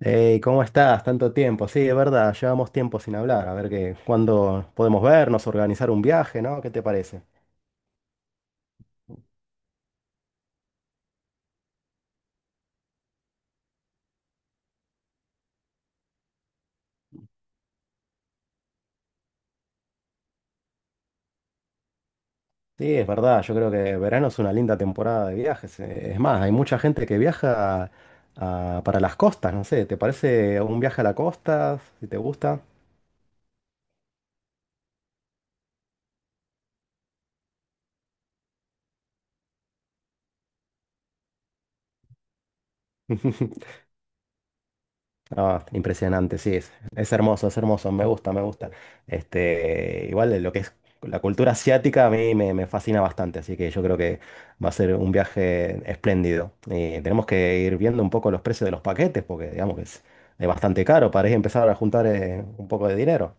Hey, ¿cómo estás? Tanto tiempo. Sí, es verdad, llevamos tiempo sin hablar. A ver cuándo podemos vernos, organizar un viaje, ¿no? ¿Qué te parece? Sí, es verdad, yo creo que verano es una linda temporada de viajes. Es más, hay mucha gente que viaja para las costas, no sé, ¿te parece un viaje a la costa? Si te gusta. Ah, impresionante, sí, es hermoso, me gusta, me gusta. Este, igual de lo que es la cultura asiática a me fascina bastante, así que yo creo que va a ser un viaje espléndido. Y tenemos que ir viendo un poco los precios de los paquetes, porque digamos que es bastante caro para ir a empezar a juntar un poco de dinero.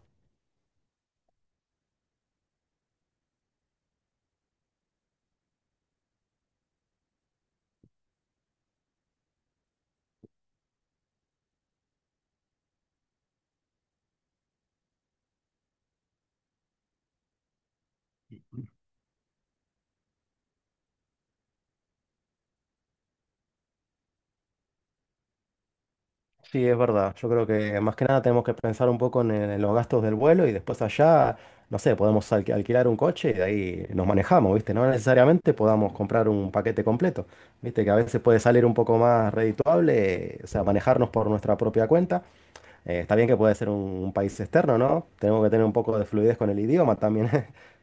Sí, es verdad. Yo creo que más que nada tenemos que pensar un poco en los gastos del vuelo y después allá, no sé, podemos alquilar un coche y de ahí nos manejamos, ¿viste? No necesariamente podamos comprar un paquete completo, ¿viste? Que a veces puede salir un poco más redituable, o sea, manejarnos por nuestra propia cuenta. Está bien que puede ser un país externo, ¿no? Tenemos que tener un poco de fluidez con el idioma también.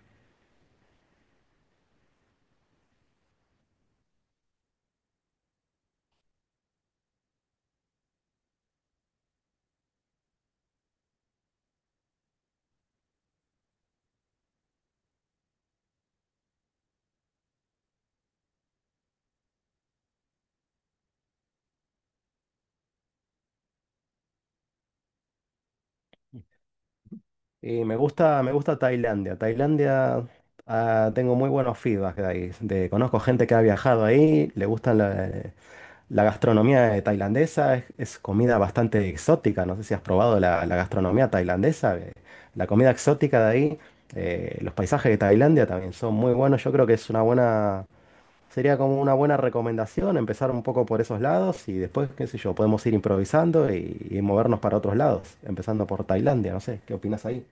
Y me gusta Tailandia. Tailandia, ah, tengo muy buenos feedbacks de ahí. Conozco gente que ha viajado ahí, le gustan. La gastronomía tailandesa es comida bastante exótica. No sé si has probado la gastronomía tailandesa. La comida exótica de ahí, los paisajes de Tailandia también son muy buenos. Yo creo que es una buena, sería como una buena recomendación empezar un poco por esos lados y después, qué sé yo, podemos ir improvisando y movernos para otros lados, empezando por Tailandia. No sé, ¿qué opinas ahí?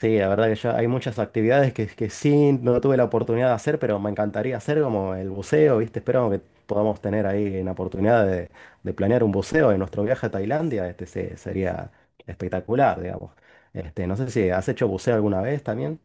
Sí, la verdad que yo hay muchas actividades que sí no tuve la oportunidad de hacer, pero me encantaría hacer como el buceo, ¿viste? Espero que podamos tener ahí la oportunidad de planear un buceo en nuestro viaje a Tailandia. Este sería espectacular, digamos. Este, no sé si has hecho buceo alguna vez también.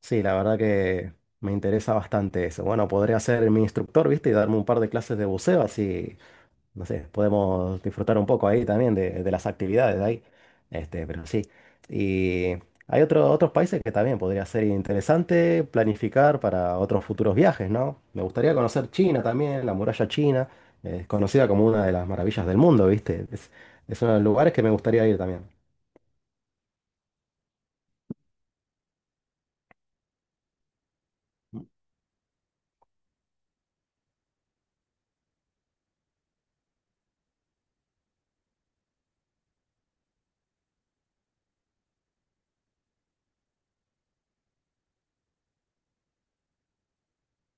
Sí, la verdad que me interesa bastante eso. Bueno, podría ser mi instructor, ¿viste? Y darme un par de clases de buceo, así no sé, podemos disfrutar un poco ahí también de las actividades de ahí. Este, pero sí. Y hay otros países que también podría ser interesante planificar para otros futuros viajes, ¿no? Me gustaría conocer China también, la muralla china, es conocida como una de las maravillas del mundo, ¿viste? Es uno de los lugares que me gustaría ir también.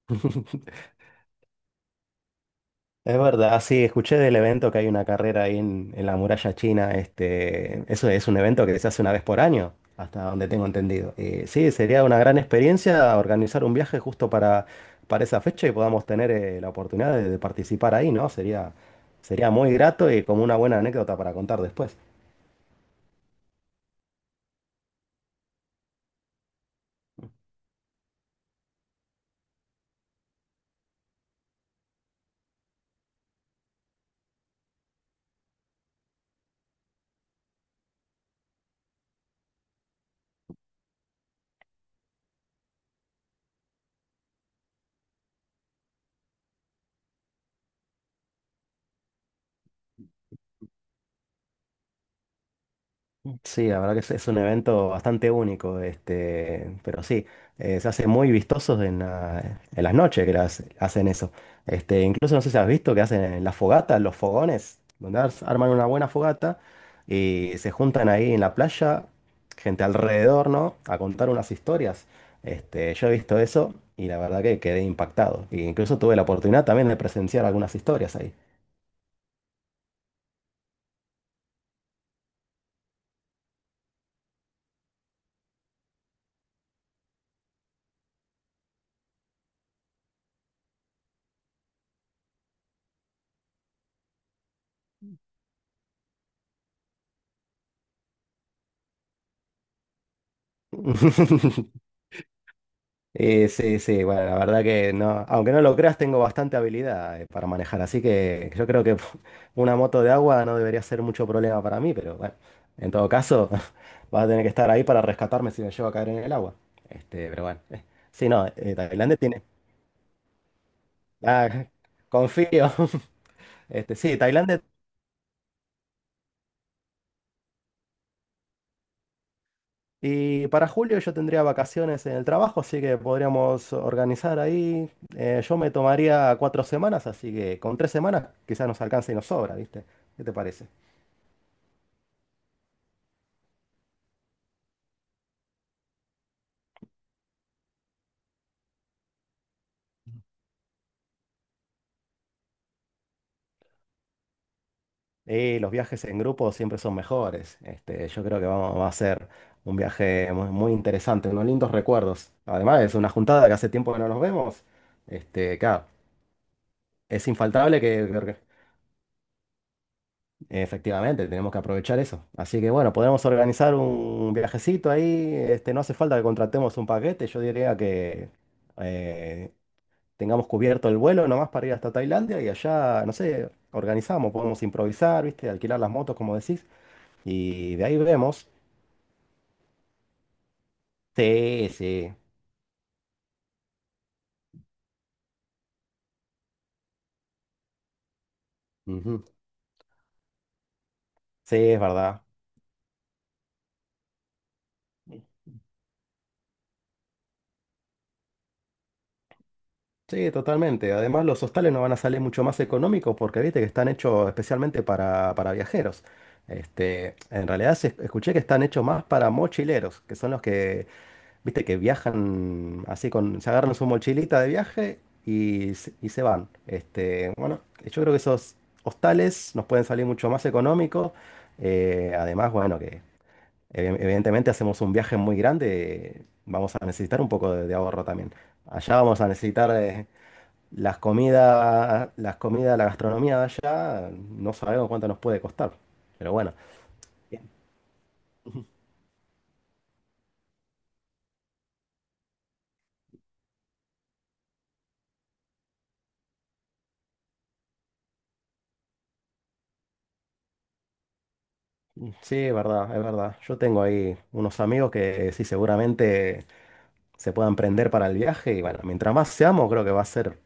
Es verdad, sí, escuché del evento que hay una carrera ahí en la muralla china. Este, eso es un evento que se hace una vez por año, hasta donde tengo entendido. Y sí, sería una gran experiencia organizar un viaje justo para esa fecha y podamos tener la oportunidad de participar ahí, ¿no? Sería, sería muy grato y como una buena anécdota para contar después. Sí, la verdad que es un evento bastante único, este, pero sí, se hace muy vistosos en las noches que hacen eso. Este, incluso no sé si has visto que hacen las fogatas, los fogones, donde arman una buena fogata y se juntan ahí en la playa, gente alrededor, ¿no? A contar unas historias. Este, yo he visto eso y la verdad que quedé impactado. E incluso tuve la oportunidad también de presenciar algunas historias ahí. Sí, sí, bueno, la verdad que no, aunque no lo creas, tengo bastante habilidad para manejar, así que yo creo que una moto de agua no debería ser mucho problema para mí, pero bueno, en todo caso, vas a tener que estar ahí para rescatarme si me llevo a caer en el agua. Este, pero bueno, sí, no, Tailandia tiene… Ah, confío. Este, sí, Tailandia. Y para julio yo tendría vacaciones en el trabajo, así que podríamos organizar ahí. Yo me tomaría 4 semanas, así que con 3 semanas quizás nos alcance y nos sobra, ¿viste? ¿Qué te parece? Y los viajes en grupo siempre son mejores. Este, yo creo que vamos, va a ser un viaje muy, muy interesante, unos lindos recuerdos. Además, es una juntada que hace tiempo que no nos vemos. Este, claro, es infaltable que, efectivamente, tenemos que aprovechar eso. Así que bueno, podemos organizar un viajecito ahí. Este, no hace falta que contratemos un paquete. Yo diría que eh, tengamos cubierto el vuelo nomás para ir hasta Tailandia y allá, no sé, organizamos, podemos improvisar, ¿viste? Alquilar las motos, como decís. Y de ahí vemos. Sí, sí. Ujú. Sí, es verdad. Sí, totalmente. Además, los hostales no van a salir mucho más económicos porque viste que están hechos especialmente para viajeros. Este, en realidad escuché que están hechos más para mochileros, que son los que, viste, que viajan así con, se agarran su mochilita de viaje y, y se van. Este, bueno, yo creo que esos hostales nos pueden salir mucho más económicos. Además, bueno, que evidentemente hacemos un viaje muy grande, vamos a necesitar un poco de ahorro también. Allá vamos a necesitar, las comidas, la gastronomía de allá, no sabemos cuánto nos puede costar. Pero bueno, sí, es verdad, es verdad. Yo tengo ahí unos amigos que sí, seguramente se puedan prender para el viaje. Y bueno, mientras más seamos, creo que va a ser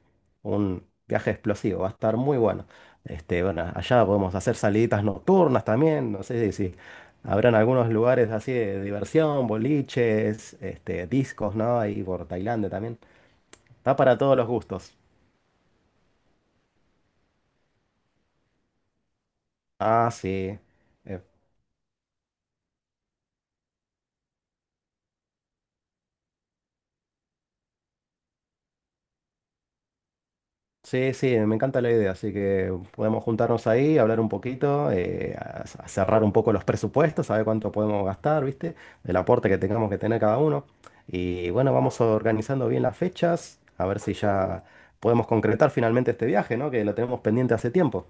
un viaje explosivo, va a estar muy bueno. Este, bueno, allá podemos hacer saliditas nocturnas también. No sé si habrán algunos lugares así de diversión, boliches, este, discos, ¿no? Ahí por Tailandia también. Está para todos los gustos. Ah, sí. Eh, sí, sí, me encanta la idea, así que podemos juntarnos ahí, hablar un poquito, a cerrar un poco los presupuestos, saber cuánto podemos gastar, ¿viste? El aporte que tengamos que tener cada uno. Y bueno, vamos organizando bien las fechas, a ver si ya podemos concretar finalmente este viaje, ¿no? Que lo tenemos pendiente hace tiempo.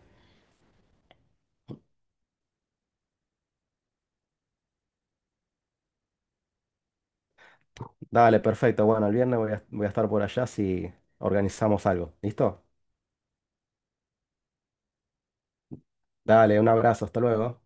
Dale, perfecto. Bueno, el viernes voy a estar por allá si organizamos algo. ¿Listo? Dale, un abrazo, hasta luego.